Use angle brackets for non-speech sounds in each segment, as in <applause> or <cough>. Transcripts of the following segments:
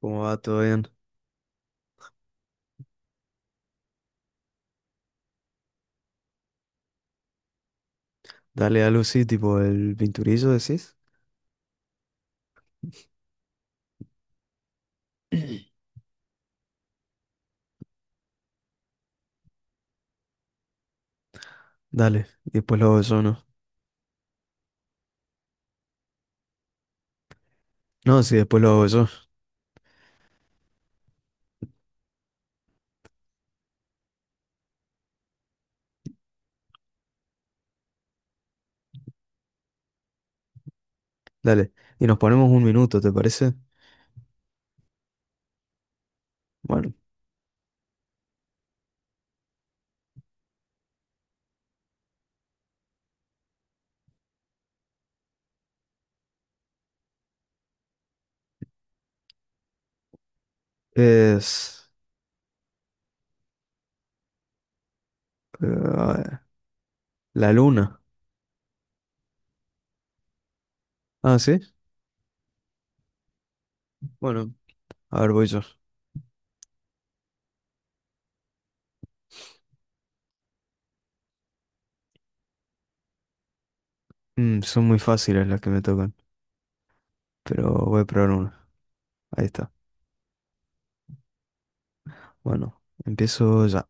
¿Cómo va? ¿Todo bien? Dale a Lucy, tipo el pinturizo, decís. Dale, y después lo hago yo, ¿no? No, sí, después lo hago yo. Dale, y nos ponemos un minuto, ¿te parece? Bueno, es... eh, a ver, la luna. Ah, ¿sí? Bueno, a ver, voy yo. Mm, son muy fáciles las que me tocan, pero voy a probar una. Ahí está. Bueno, empiezo ya.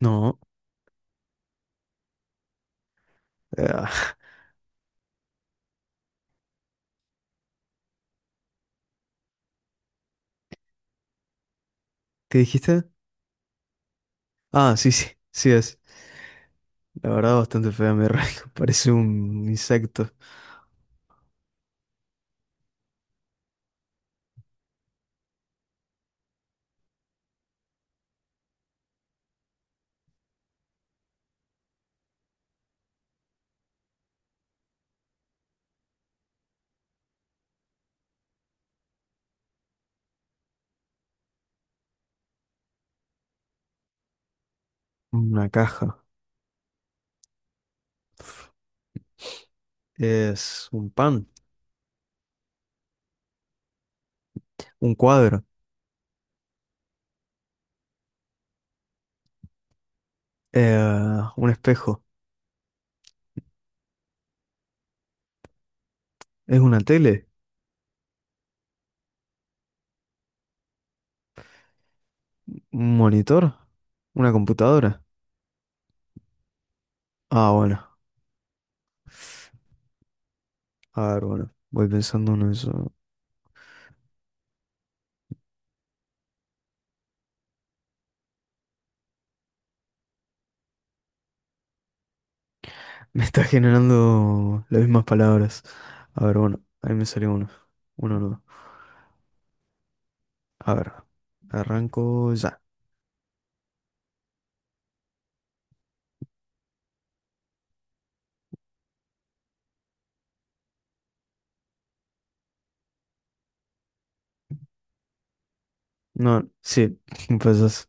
No. Ah, ¿qué dijiste? Ah, sí, sí, sí es. La verdad, bastante fea mi rayo. <laughs> Parece un insecto, una caja. Es un pan, un cuadro, eh, un espejo. ¿Es una tele? ¿Un monitor? ¿Una computadora? Ah, bueno. A ver, bueno. Voy pensando en eso. Me está generando las mismas palabras. A ver, bueno. Ahí me salió uno. Uno no. A ver. Arranco ya. No, sí. <laughs> Empezás.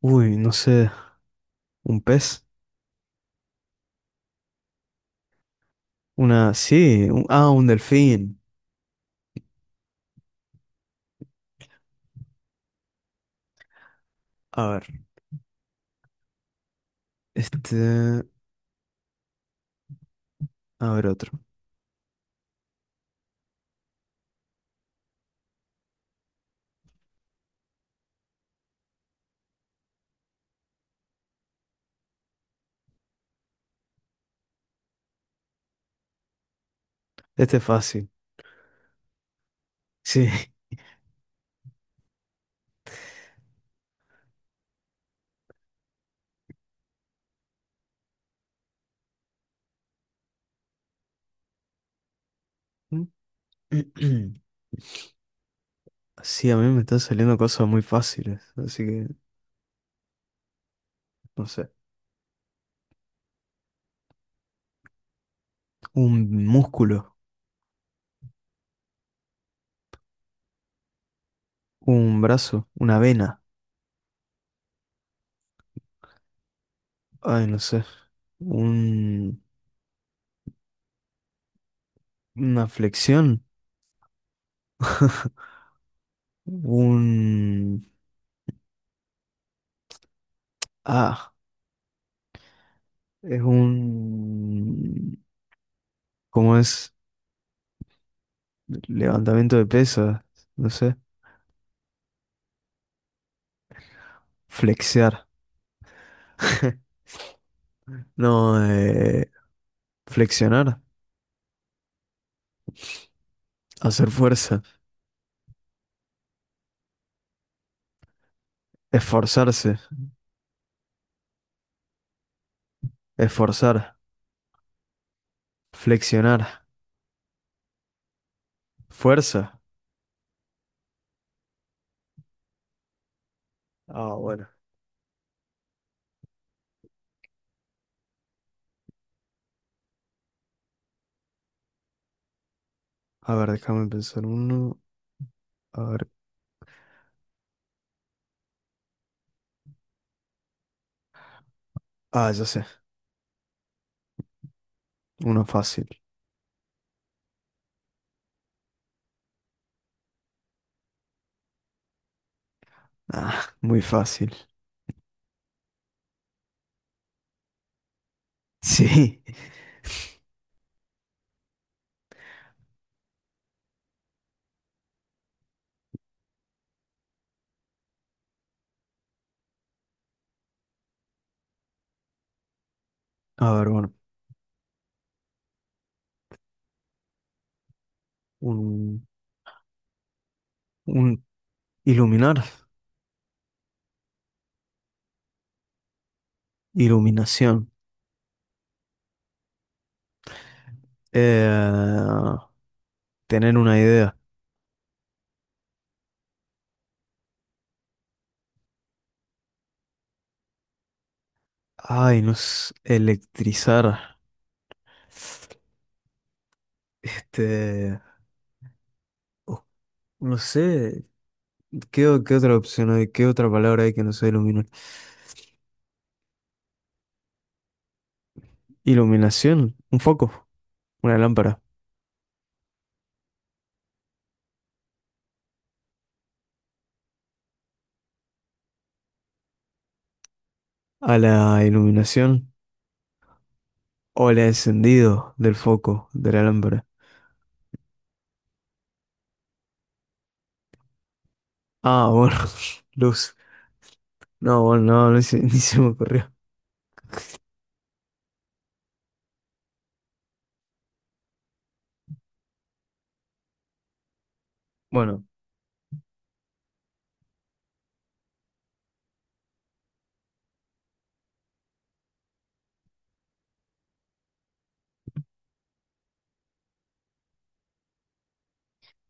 Uy, no sé. ¿Un pez? Una... Sí, ah, un delfín. A ver, este... A ver otro. Este es fácil. Sí. <clears throat> Sí, a mí me están saliendo cosas muy fáciles, así que no sé. Un músculo, un brazo, una vena, ay, no sé. Un, una flexión, un... Ah, es un... ¿Cómo es? Levantamiento de pesas, no sé. Flexear. <laughs> No, flexionar, hacer fuerza, esforzarse, esforzar, flexionar, fuerza. Ah, bueno. A ver, déjame pensar uno. A ver. Ah, ya sé. Uno fácil. Ah, muy fácil. <laughs> Sí. A ver, bueno. Un, un iluminar, iluminación. Eh, tener una idea. Ay, no sé, electrizar. Este, oh, no sé, ¿qué, qué otra opción hay? ¿Qué otra palabra hay que no sea iluminar? Iluminación, un foco, una lámpara. A la iluminación o el encendido del foco de la lámpara. Ah, bueno, <laughs> luz. No, bueno, no, <laughs> ni se me ocurrió. Bueno,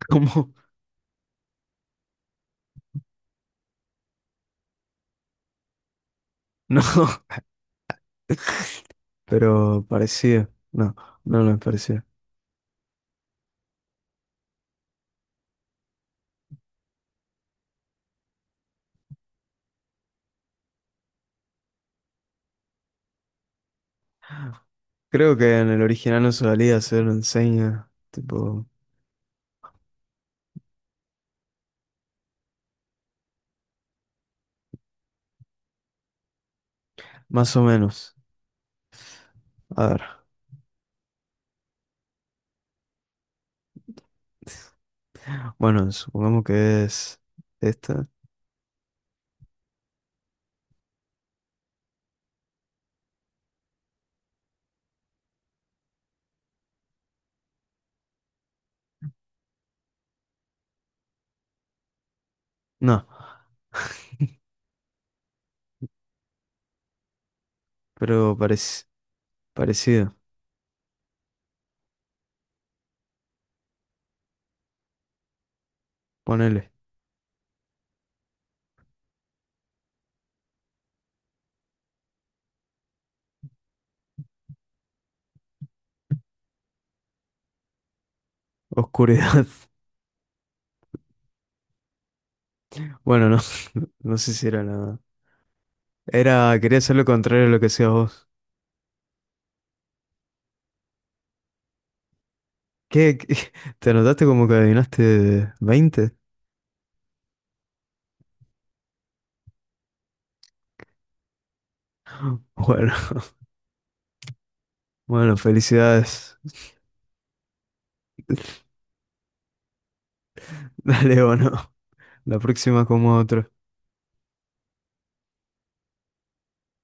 ¿cómo? <laughs> No, pero parecido. No, no, no es parecido. Creo que en el original no se valía hacer enseña, tipo, más o menos. A ver, bueno, supongamos que es esta. No, pero parecido. Ponele. Oscuridad. <laughs> Bueno, no. No sé si era nada. Era, quería hacer lo contrario a lo que hacías vos. ¿Qué, qué? <laughs> te notaste como que adivinaste 20. Bueno, <laughs> bueno, felicidades. <laughs> Dale, o no. La próxima como otro.